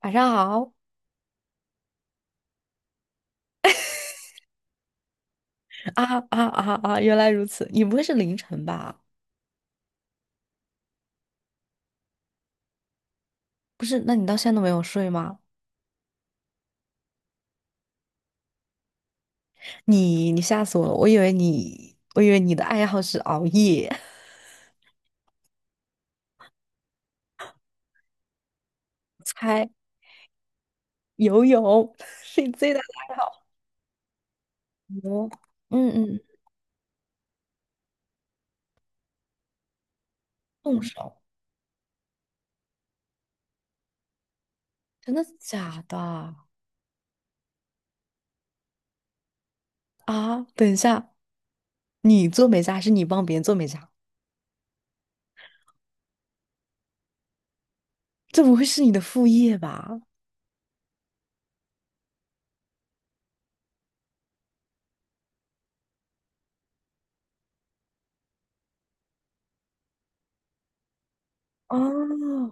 晚上好啊啊啊啊！原来如此，你不会是凌晨吧？不是，那你到现在都没有睡吗？你吓死我了！我以为你的爱好是熬夜。猜游泳 是你最大的爱好。哦，嗯嗯，动手，真的假的啊？等一下，你做美甲还是你帮别人做美甲？这不会是你的副业吧？哦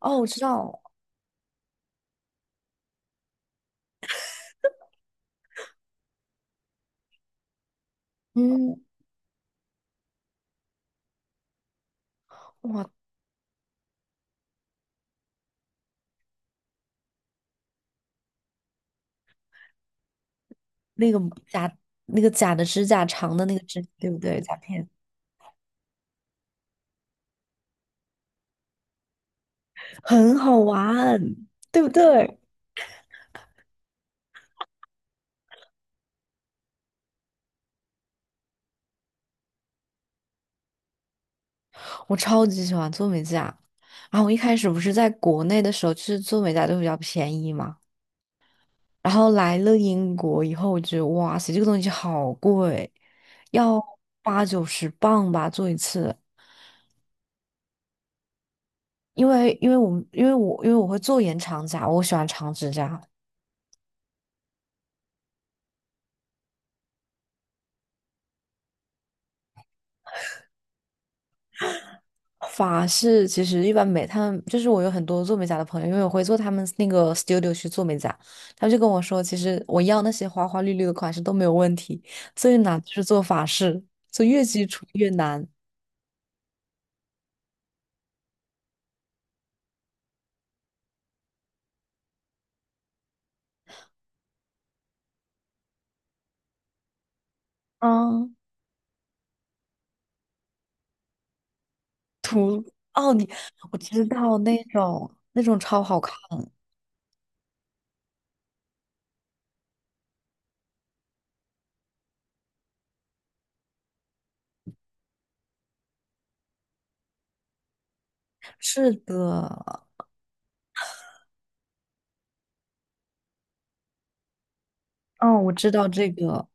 哦，我知道，嗯，哇，那个假那个假的指甲长的那个指，对不对？甲片很好玩，对不对？我超级喜欢做美甲。然后我一开始不是在国内的时候，就是做美甲都比较便宜嘛。然后来了英国以后，我觉得哇塞，这个东西好贵，要八九十磅吧做一次。因为我会做延长甲，我喜欢长指甲。法式其实一般美，他们就是我有很多做美甲的朋友，因为我会做他们那个 studio 去做美甲，他们就跟我说，其实我要那些花花绿绿的款式都没有问题，最难就是做法式，就越基础越难。啊，哦，我知道那种超好看。是的，哦，我知道这个。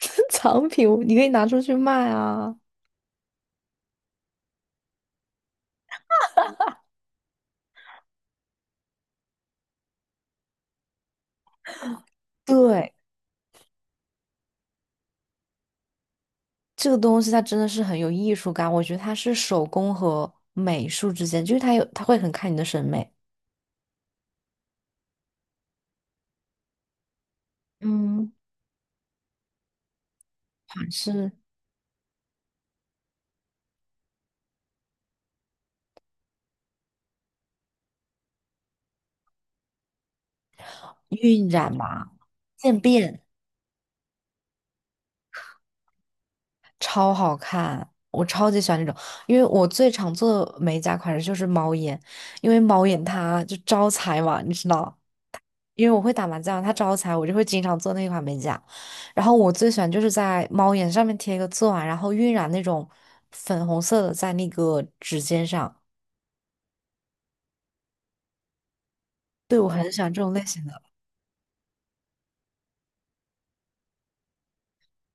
藏品，你可以拿出去卖啊。对，这个东西它真的是很有艺术感，我觉得它是手工和美术之间，就是它有，它会很看你的审美。嗯，款式、晕染嘛、渐变，超好看。我超级喜欢这种，因为我最常做的美甲款式就是猫眼，因为猫眼它就招财嘛，你知道，因为我会打麻将，它招财，我就会经常做那款美甲。然后我最喜欢就是在猫眼上面贴一个钻，然后晕染那种粉红色的在那个指尖上。对，我很喜欢这种类型的。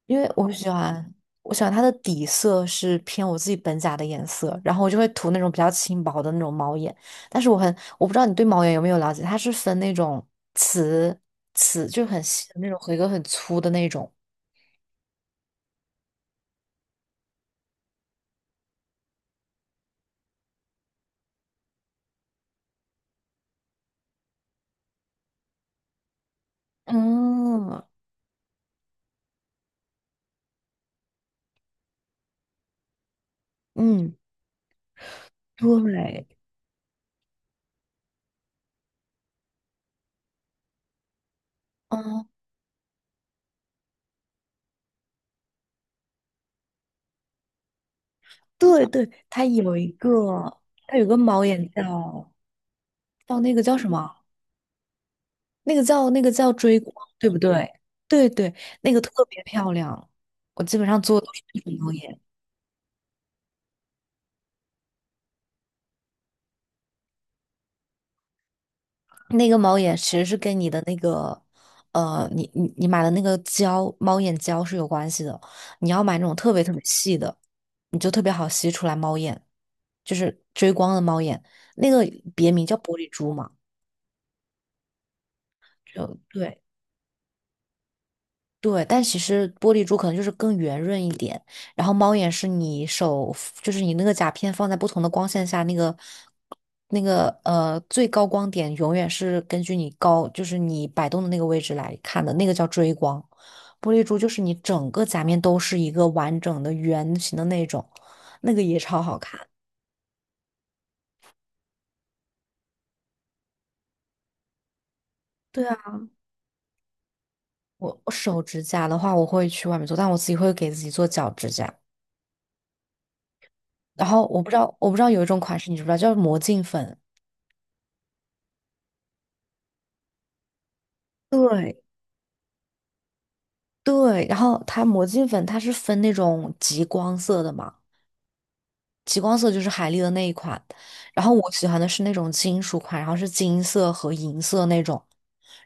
因为我喜欢，我喜欢它的底色是偏我自己本甲的颜色，然后我就会涂那种比较轻薄的那种猫眼。但是我很，我不知道你对猫眼有没有了解，它是分那种瓷瓷，就是很细的那种，和一个很粗的那种。嗯嗯，对，嗯对对，它有一个猫眼叫那个叫什么？那个叫追光，对不对？对对，那个特别漂亮，我基本上做的都是那种猫眼。那个猫眼其实是跟你的那个，你买的那个猫眼胶是有关系的。你要买那种特别特别细的，你就特别好吸出来猫眼，就是追光的猫眼，那个别名叫玻璃珠嘛。就对，对，但其实玻璃珠可能就是更圆润一点，然后猫眼是你手，就是你那个甲片放在不同的光线下，那个最高光点永远是根据你高，就是你摆动的那个位置来看的，那个叫追光。玻璃珠就是你整个甲面都是一个完整的圆形的那种，那个也超好看。对啊，我手指甲的话，我会去外面做，但我自己会给自己做脚指甲。然后我不知道有一种款式你知不知道，叫魔镜粉。对，对，然后它魔镜粉它是分那种极光色的嘛，极光色就是海丽的那一款，然后我喜欢的是那种金属款，然后是金色和银色那种，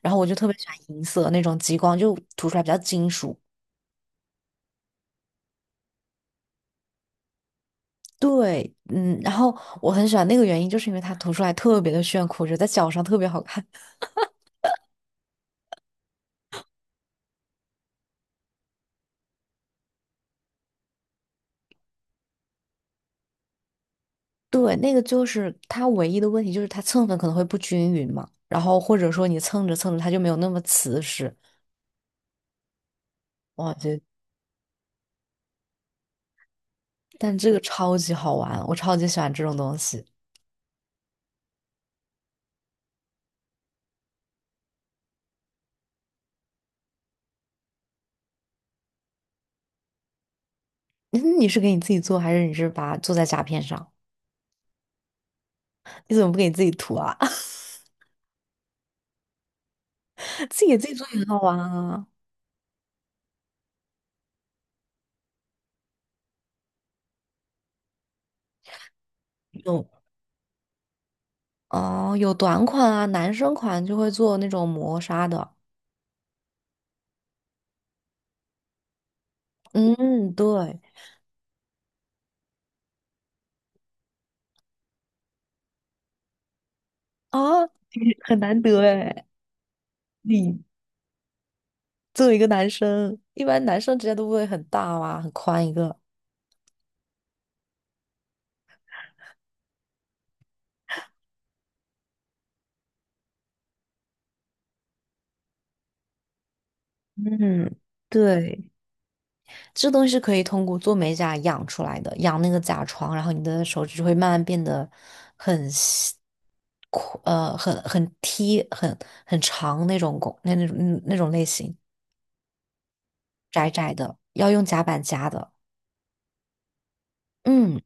然后我就特别喜欢银色那种极光，就涂出来比较金属。对，嗯，然后我很喜欢那个原因，就是因为它涂出来特别的炫酷，我觉得在脚上特别好看。对，那个就是它唯一的问题，就是它蹭粉可能会不均匀嘛，然后或者说你蹭着蹭着它就没有那么瓷实。哇，但这个超级好玩，我超级喜欢这种东西。嗯你是给你自己做，还是你是把它做在甲片上？你怎么不给你自己涂啊？自己给自己做也很好玩啊。有哦，有短款啊，男生款就会做那种磨砂的。嗯，对啊，你很难得哎。你作为一个男生，一般男生指甲都不会很大哇，很宽一个。嗯，对。这东西是可以通过做美甲养出来的，养那个甲床，然后你的手指就会慢慢变得很细阔，很踢，很长那种拱，那种类型，窄窄的，要用夹板夹的。嗯，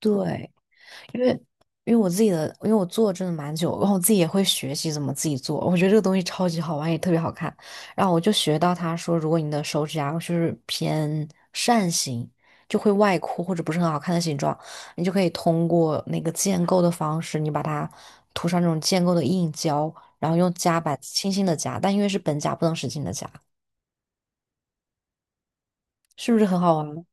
对。因为因为我做真的蛮久，然后我自己也会学习怎么自己做，我觉得这个东西超级好玩，也特别好看。然后我就学到他说，如果你的手指甲就是偏扇形，就会外扩或者不是很好看的形状，你就可以通过那个建构的方式，你把它涂上那种建构的硬胶，然后用夹板轻轻的夹，但因为是本夹不能使劲的夹，是不是很好玩？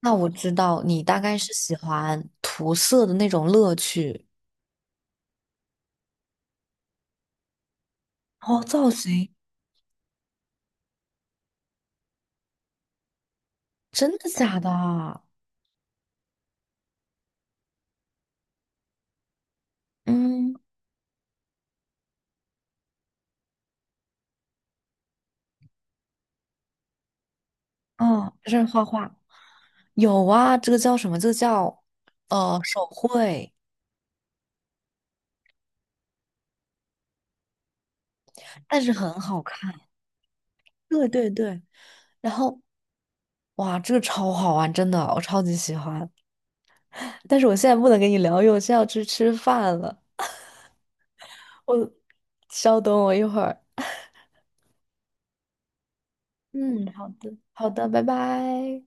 那我知道你大概是喜欢涂色的那种乐趣。哦，造型。真的假的啊？嗯，哦，就是画画，有啊，这个叫什么？这个叫手绘。但是很好看。对对对，然后哇，这个超好玩，真的，我超级喜欢。但是我现在不能跟你聊，因为我现在要去吃饭了。我稍等我一会儿。嗯，好的，好的，拜拜。